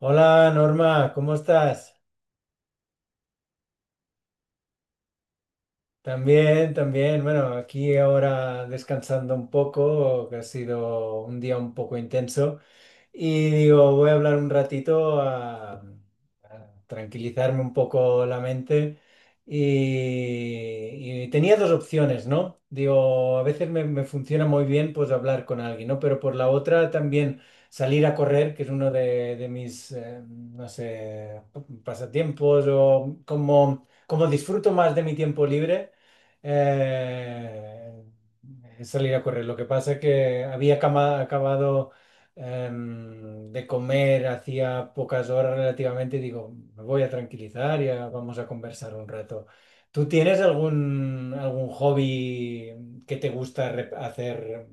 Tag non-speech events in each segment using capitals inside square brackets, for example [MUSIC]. Hola Norma, ¿cómo estás? También, también. Bueno, aquí ahora descansando un poco, que ha sido un día un poco intenso. Y digo, voy a hablar un ratito a tranquilizarme un poco la mente. Y tenía dos opciones, ¿no? Digo, a veces me funciona muy bien pues hablar con alguien, ¿no? Pero por la otra también salir a correr, que es uno de mis, no sé, pasatiempos o como, como disfruto más de mi tiempo libre, eh, es salir a correr. Lo que pasa que había acabado de comer hacía pocas horas relativamente, digo, me voy a tranquilizar, ya vamos a conversar un rato. ¿Tú tienes algún, algún hobby que te gusta hacer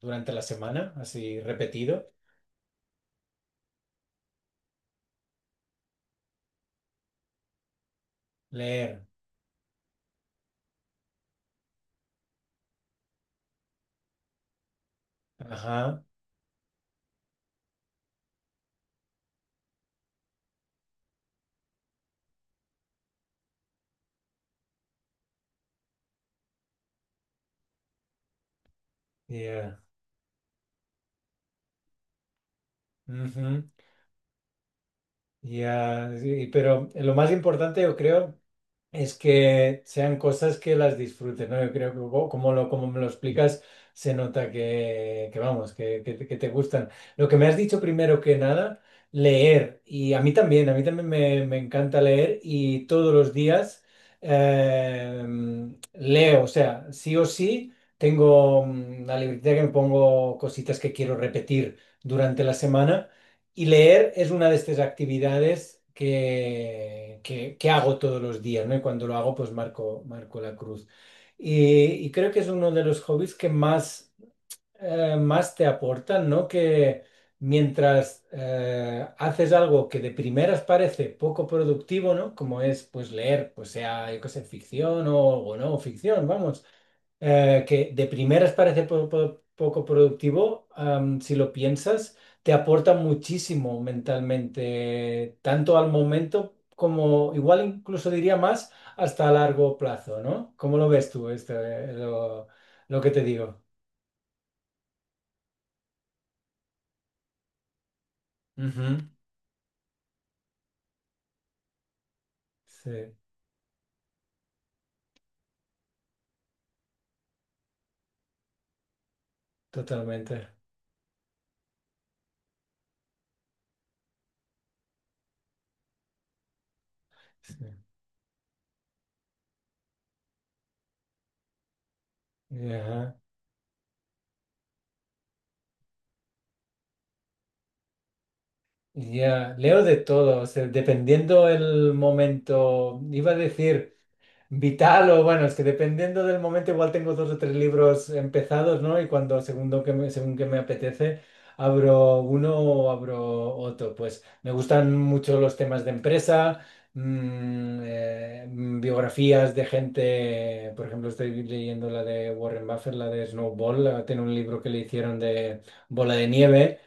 durante la semana, así repetido? Leer. Ajá. Ya. Ujú. Ya. Sí, pero lo más importante, yo creo, es que sean cosas que las disfrutes, ¿no? Yo creo que como, lo, como me lo explicas, se nota que vamos, que te gustan. Lo que me has dicho primero que nada, leer. Y a mí también me encanta leer y todos los días eh, leo, o sea, sí o sí, tengo la libertad que me pongo cositas que quiero repetir durante la semana. Y leer es una de estas actividades que hago todos los días, ¿no? Y cuando lo hago, pues marco, marco la cruz. Y creo que es uno de los hobbies que más más te aportan, ¿no? Que mientras haces algo que de primeras parece poco productivo, ¿no? Como es, pues, leer, pues sea, yo qué sé, ficción o no, ficción, vamos. Eh, que de primeras parece poco productivo, si lo piensas, te aporta muchísimo mentalmente, tanto al momento como, igual incluso diría más, hasta a largo plazo, ¿no? ¿Cómo lo ves tú, este, lo que te digo? Sí, totalmente. Sí. Y, ajá. Ya, leo de todo, o sea, dependiendo el momento. Iba a decir. Vital, o bueno, es que dependiendo del momento, igual tengo dos o tres libros empezados, ¿no? Y cuando, según que me apetece, abro uno o abro otro. Pues me gustan mucho los temas de empresa, biografías de gente. Por ejemplo, estoy leyendo la de Warren Buffett, la de Snowball, tiene un libro que le hicieron de bola de nieve.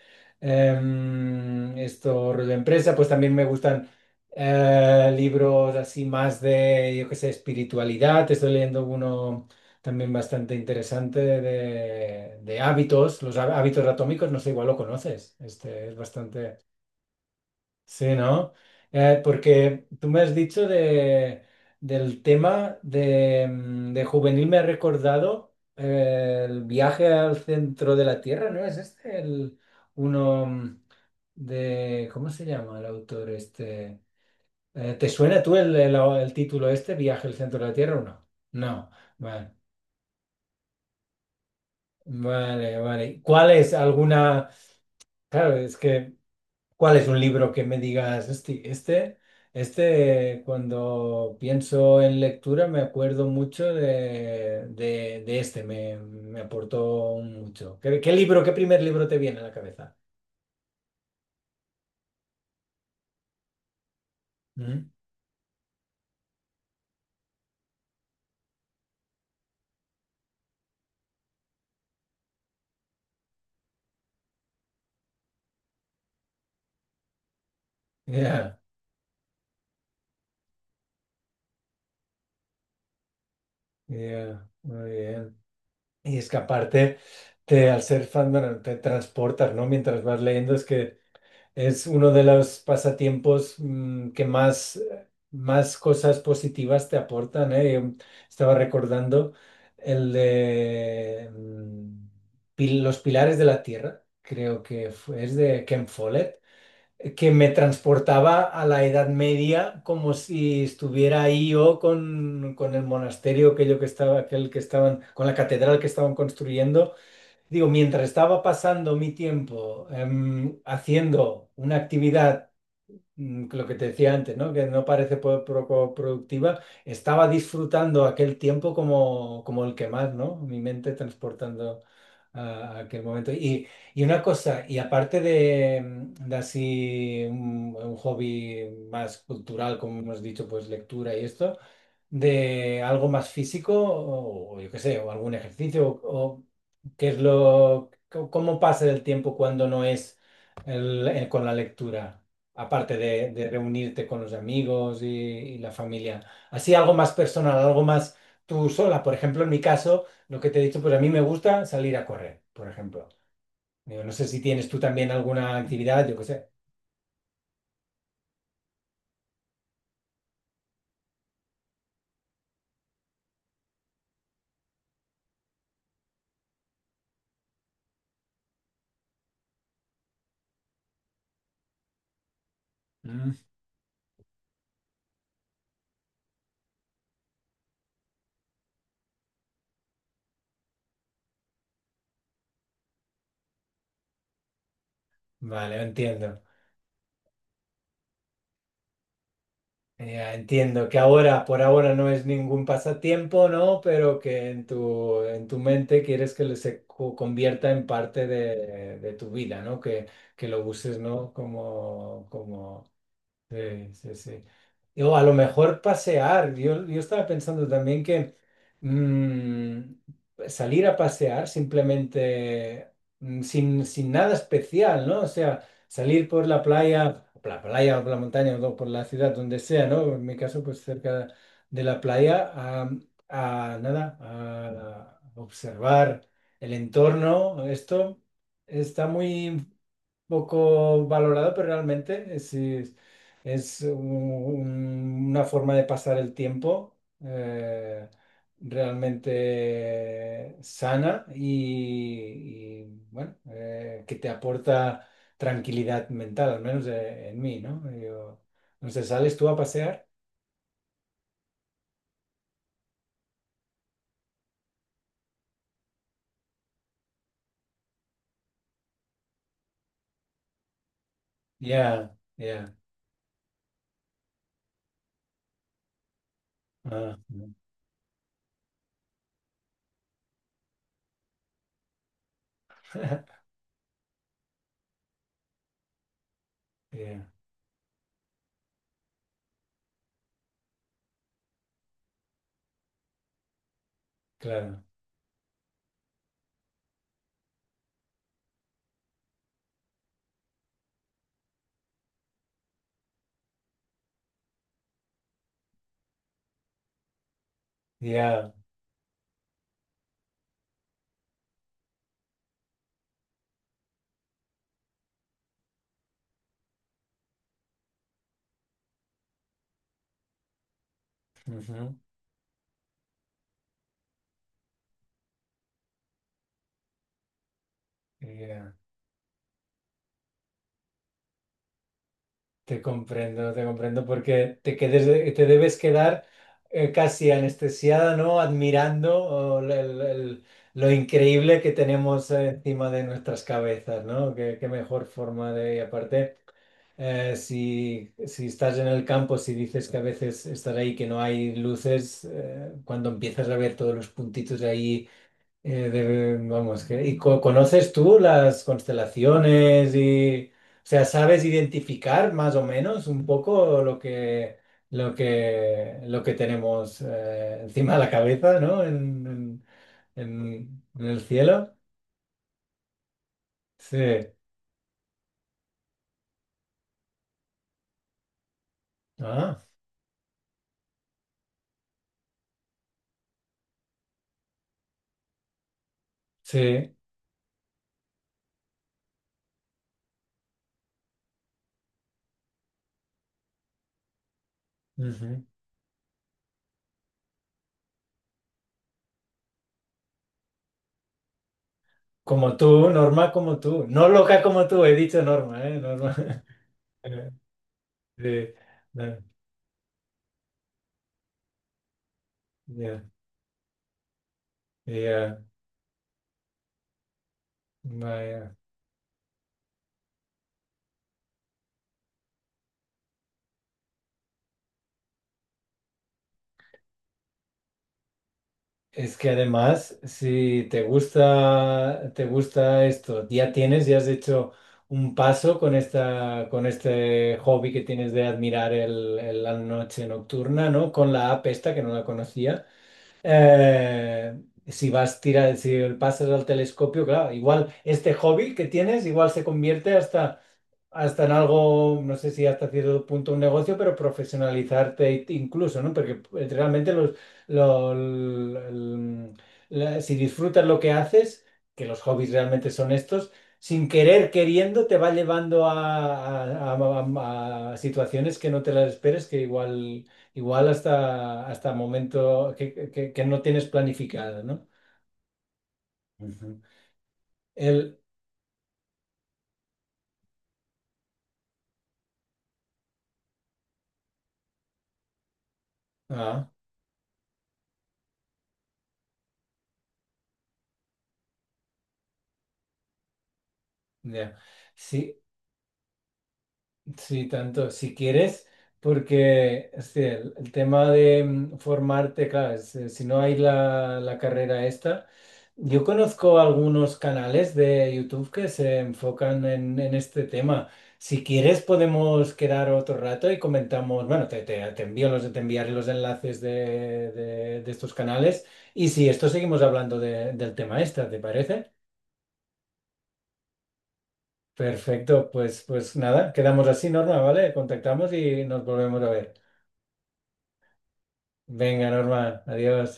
Esto, rollo empresa, pues también me gustan libros así más de, yo qué sé, espiritualidad. Estoy leyendo uno también bastante interesante de hábitos, los hábitos atómicos, no sé, igual lo conoces. Este es bastante. Sí, ¿no? Porque tú me has dicho del tema de, de juvenil, me ha recordado el viaje al centro de la Tierra, ¿no? Es este el uno de, ¿cómo se llama el autor este? ¿Te suena tú el, el título este, Viaje al centro de la Tierra o no? No, vale, vale, vale. ¿Cuál es alguna? Claro, es que, ¿cuál es un libro que me digas, "Hosti, este, cuando pienso en lectura me acuerdo mucho de este, me aportó mucho"? ¿Qué, qué libro, qué primer libro te viene a la cabeza? ¿Mm? Ya, ya, muy bien. Y es que aparte, te, al ser fan, bueno, te transportas, ¿no? Mientras vas leyendo, es que es uno de los pasatiempos que más, más cosas positivas te aportan, ¿eh? Yo estaba recordando el de Los Pilares de la Tierra, creo que es de Ken Follett, que me transportaba a la Edad Media como si estuviera ahí yo con el monasterio aquello que estaba, aquel que estaban, con la catedral que estaban construyendo. Digo, mientras estaba pasando mi tiempo haciendo una actividad lo que te decía antes, ¿no? Que no parece poco productiva, estaba disfrutando aquel tiempo como, como el que más, ¿no? Mi mente transportando a aquel momento. Y una cosa, y aparte de, de así un hobby más cultural, como hemos dicho, pues lectura y esto, de algo más físico, o yo qué sé, o algún ejercicio, o qué es lo, cómo pasa el tiempo cuando no es con la lectura aparte de reunirte con los amigos y la familia. Así algo más personal, algo más tú sola. Por ejemplo, en mi caso, lo que te he dicho, pues a mí me gusta salir a correr, por ejemplo. Digo, no sé si tienes tú también alguna actividad, yo qué sé. Mm. Vale, entiendo. Ya entiendo que ahora, por ahora, no es ningún pasatiempo, ¿no? Pero que en tu mente quieres que se convierta en parte de tu vida, ¿no? Que lo uses, ¿no? Como, como sí, sí, sí. Y, o a lo mejor pasear. Yo estaba pensando también que salir a pasear simplemente sin, sin nada especial, ¿no? O sea, salir por la playa o por la montaña o por la ciudad, donde sea, ¿no? En mi caso, pues cerca de la playa, a nada, a observar el entorno. Esto está muy poco valorado, pero realmente es una forma de pasar el tiempo eh, realmente sana y, bueno, que te aporta tranquilidad mental, al menos en mí, ¿no? Yo, no sé, ¿sales tú a pasear? Ya, ya. Ah, [LAUGHS] ya, claro. Ya. Ujú, ya. Te comprendo, porque te quedes, te debes quedar casi anestesiada, ¿no? Admirando oh, lo increíble que tenemos encima de nuestras cabezas, ¿no? Qué, qué mejor forma de... Y aparte, si, si estás en el campo, si dices que a veces estás ahí que no hay luces, cuando empiezas a ver todos los puntitos ahí vamos, que, ¿y conoces tú las constelaciones y, o sea, sabes identificar más o menos un poco lo que, lo que, lo que tenemos encima de la cabeza, ¿no? En, en el cielo? Sí. Ah, sí. Ujú. Como tú, Norma, como tú. No loca como tú, he dicho Norma, ¿eh? Norma. [LAUGHS] Sí. No, ya, ya, vaya. Es que además, si te gusta, te gusta esto, ya tienes, ya has hecho un paso con esta, con este hobby que tienes de admirar el, la noche nocturna, ¿no? Con la app esta, que no la conocía. Eh, si vas tirar, si pasas al telescopio, claro, igual este hobby que tienes, igual se convierte hasta hasta en algo, no sé si hasta cierto punto un negocio, pero profesionalizarte incluso, ¿no? Porque realmente los, lo- el- si disfrutas lo que haces, que los hobbies realmente son estos, sin querer queriendo te va llevando a, a situaciones que no te las esperes, que igual, igual hasta, hasta momento que, que no tienes planificado, ¿no? Ujú. El, ah, ya. Sí. Sí, tanto, si quieres, porque este, el tema de formarte, claro, es, si no hay la, la carrera esta, yo conozco algunos canales de YouTube que se enfocan en este tema. Si quieres, podemos quedar otro rato y comentamos, bueno, te envío los, te enviaré los enlaces de, de estos canales y si esto seguimos hablando del tema esta, ¿te parece? Perfecto, pues, pues nada, quedamos así, Norma, ¿vale? Contactamos y nos volvemos a ver. Venga, Norma, adiós.